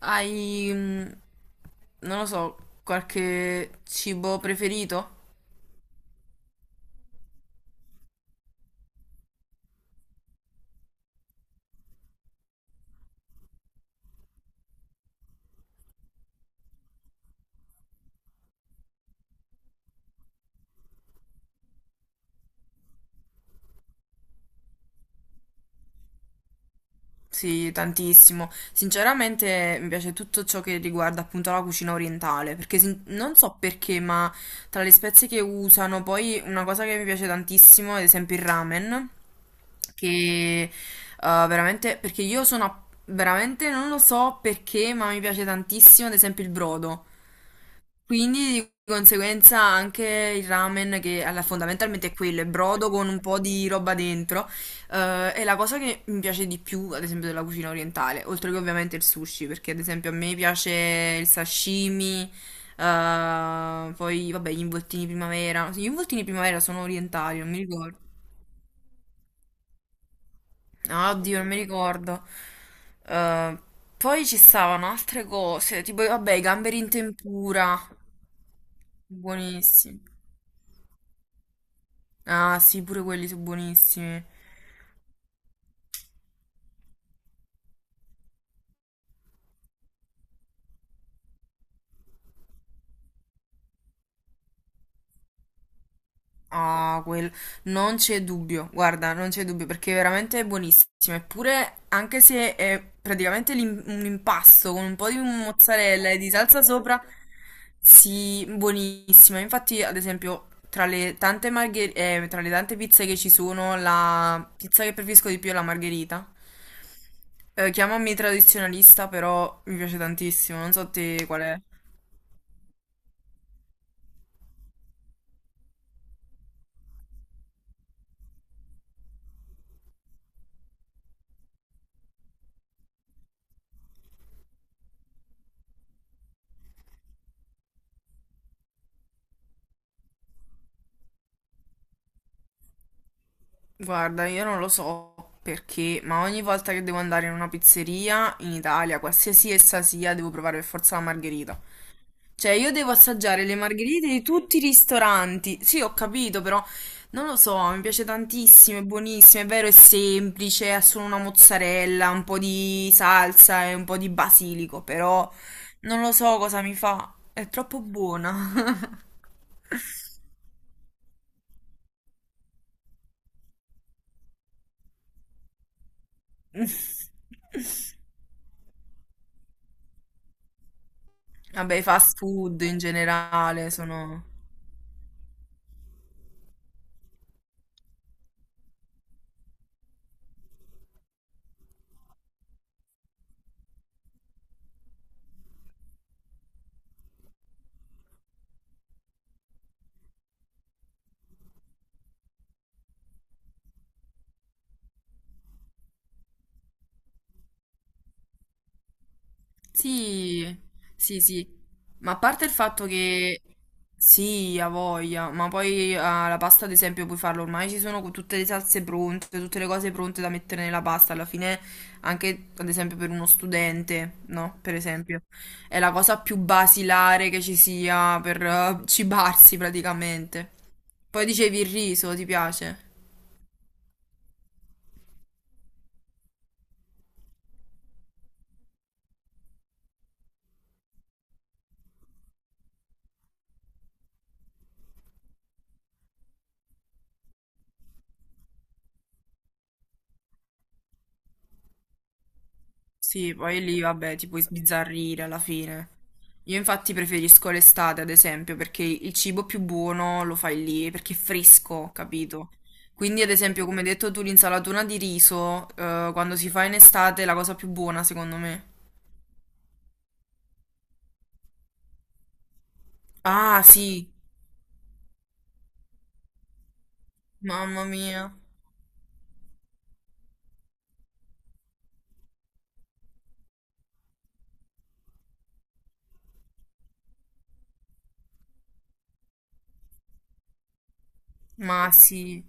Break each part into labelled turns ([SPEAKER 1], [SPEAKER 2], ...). [SPEAKER 1] Hai, non lo so, qualche cibo preferito? Sì, tantissimo. Sinceramente mi piace tutto ciò che riguarda appunto la cucina orientale, perché non so perché, ma tra le spezie che usano, poi una cosa che mi piace tantissimo, ad esempio il ramen, che veramente, perché io sono, veramente non lo so perché, ma mi piace tantissimo, ad esempio il brodo. Quindi di conseguenza anche il ramen che fondamentalmente è quello, è brodo con un po' di roba dentro. È la cosa che mi piace di più, ad esempio, della cucina orientale, oltre che ovviamente il sushi, perché ad esempio a me piace il sashimi, poi vabbè gli involtini primavera. Sì, gli involtini primavera sono orientali, non mi ricordo. Ah, oddio, non mi ricordo. Eh, poi ci stavano altre cose, tipo vabbè i gamberi in tempura, buonissimi. Ah, sì, pure quelli sono buonissimi. Ah, quel... Non c'è dubbio, guarda, non c'è dubbio, perché è veramente buonissimo. Eppure, anche se è praticamente un impasto con un po' di mozzarella e di salsa sopra, sì, buonissima. Infatti, ad esempio, tra le tante tra le tante pizze che ci sono, la pizza che preferisco di più è la margherita. Chiamami tradizionalista, però mi piace tantissimo. Non so te qual è. Guarda, io non lo so perché, ma ogni volta che devo andare in una pizzeria in Italia, qualsiasi essa sia, devo provare per forza la margherita. Cioè, io devo assaggiare le margherite di tutti i ristoranti. Sì, ho capito, però non lo so, mi piace tantissimo, è buonissimo, è vero, è semplice, ha solo una mozzarella, un po' di salsa e un po' di basilico, però non lo so cosa mi fa, è troppo buona. Vabbè, i fast food in generale sono... Sì, sì, sì. Ma a parte il fatto che sì, ha voglia, ma poi ah, la pasta ad esempio puoi farlo, ormai ci sono tutte le salse pronte, tutte le cose pronte da mettere nella pasta, alla fine anche ad esempio per uno studente, no? Per esempio, è la cosa più basilare che ci sia per cibarsi praticamente. Poi dicevi il riso, ti piace? Sì, poi lì vabbè ti puoi sbizzarrire alla fine. Io infatti preferisco l'estate, ad esempio, perché il cibo più buono lo fai lì, perché è fresco, capito? Quindi, ad esempio, come hai detto tu, l'insalatura di riso, quando si fa in estate è la cosa più buona, secondo me. Ah, sì, mamma mia. Ma sì.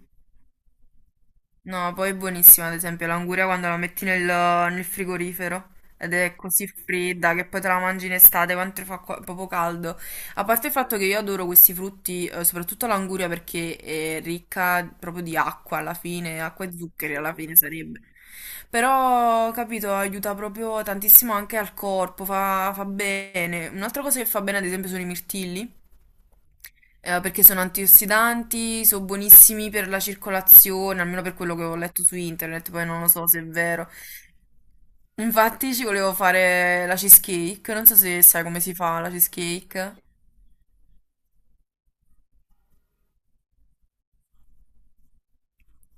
[SPEAKER 1] No, poi è buonissima, ad esempio, l'anguria quando la metti nel frigorifero ed è così fredda che poi te la mangi in estate quanto fa proprio caldo. A parte il fatto che io adoro questi frutti, soprattutto l'anguria perché è ricca proprio di acqua alla fine, acqua e zuccheri alla fine sarebbe. Però, capito, aiuta proprio tantissimo anche al corpo, fa bene. Un'altra cosa che fa bene, ad esempio, sono i mirtilli perché sono antiossidanti, sono buonissimi per la circolazione, almeno per quello che ho letto su internet, poi non lo so se è vero. Infatti ci volevo fare la cheesecake, non so se sai come si fa la cheesecake.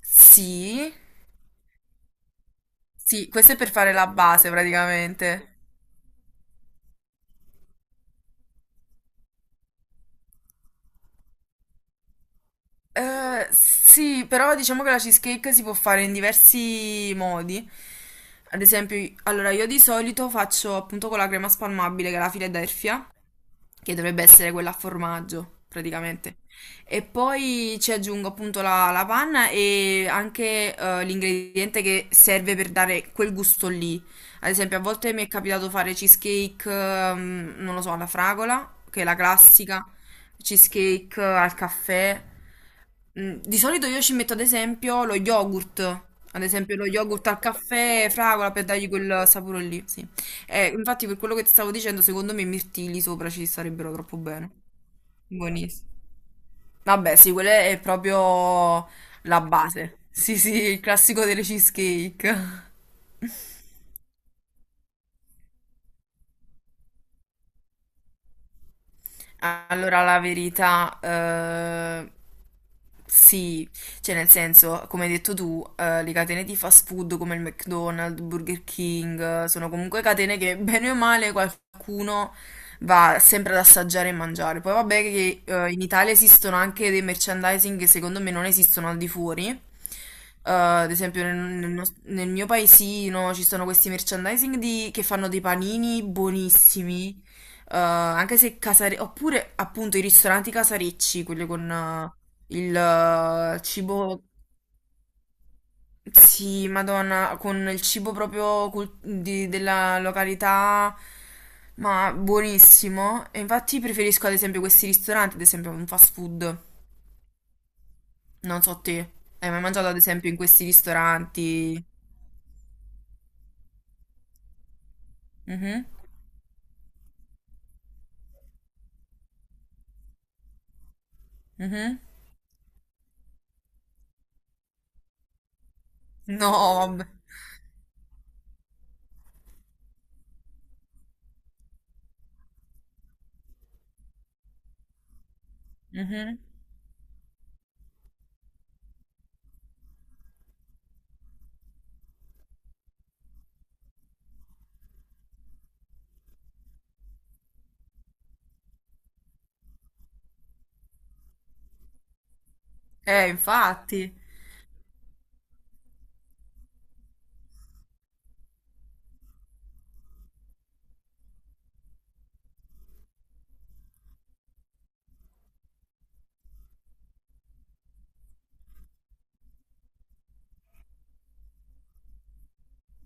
[SPEAKER 1] Sì, sì, questo è per fare la base praticamente. Sì, però diciamo che la cheesecake si può fare in diversi modi. Ad esempio, allora io di solito faccio appunto con la crema spalmabile che è la Philadelphia. Che dovrebbe essere quella a formaggio, praticamente. E poi ci aggiungo appunto la panna e anche l'ingrediente che serve per dare quel gusto lì. Ad esempio, a volte mi è capitato fare cheesecake, non lo so, alla fragola, che è la classica, cheesecake al caffè. Mm, di solito io ci metto ad esempio lo yogurt, ad esempio lo yogurt al caffè, fragola per dargli quel sapore lì, sì. Infatti per quello che ti stavo dicendo, secondo me i mirtilli sopra ci starebbero troppo bene. Buonissimo. Vabbè, sì, quella è proprio la base. Sì, sì, il classico delle cheesecake. Allora, la verità, sì, cioè nel senso, come hai detto tu, le catene di fast food come il McDonald's, Burger King, sono comunque catene che bene o male qualcuno va sempre ad assaggiare e mangiare. Poi vabbè che in Italia esistono anche dei merchandising che secondo me non esistono al di fuori. Ad esempio nel mio paesino ci sono questi merchandising che fanno dei panini buonissimi anche se casare... Oppure appunto i ristoranti casarecci, quelli con il cibo... Sì, Madonna, con il cibo proprio della località, ma buonissimo. E infatti preferisco ad esempio questi ristoranti, ad esempio un fast food. Non so te. Hai mai mangiato ad esempio in questi ristoranti? Mhm, mhm. No, vabbè. Mhm. Infatti.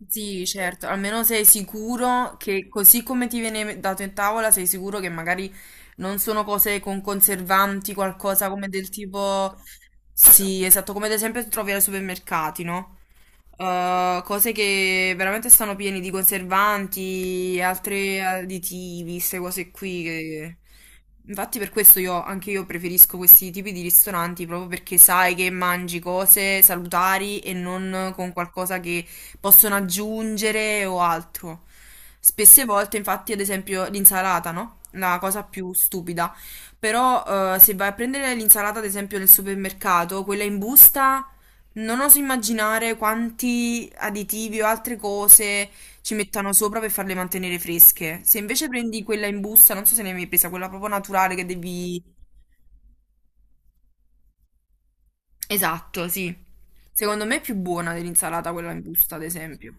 [SPEAKER 1] Sì, certo, almeno sei sicuro che così come ti viene dato in tavola, sei sicuro che magari non sono cose con conservanti, qualcosa come del tipo... Sì, esatto, come ad esempio trovi ai supermercati, no? Cose che veramente stanno pieni di conservanti, altri additivi, queste cose qui che... Infatti per questo io, anche io preferisco questi tipi di ristoranti proprio perché sai che mangi cose salutari e non con qualcosa che possono aggiungere o altro. Spesse volte, infatti, ad esempio l'insalata, no? La cosa più stupida. Però se vai a prendere l'insalata, ad esempio, nel supermercato, quella in busta, non oso immaginare quanti additivi o altre cose ci mettano sopra per farle mantenere fresche. Se invece prendi quella in busta, non so se ne hai mai presa, quella proprio naturale che devi... Esatto, sì. Secondo me è più buona dell'insalata quella in busta, ad esempio.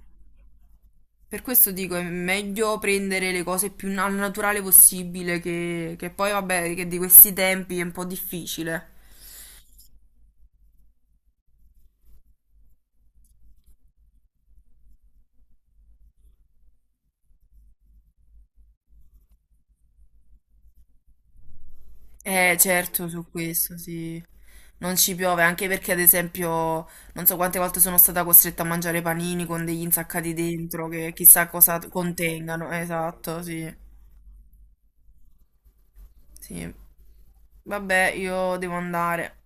[SPEAKER 1] Per questo dico, è meglio prendere le cose più al naturale possibile, che poi vabbè, che di questi tempi è un po' difficile. Certo, su questo sì. Non ci piove, anche perché ad esempio non so quante volte sono stata costretta a mangiare panini con degli insaccati dentro che chissà cosa contengano. Esatto, sì. Sì. Vabbè, io devo andare.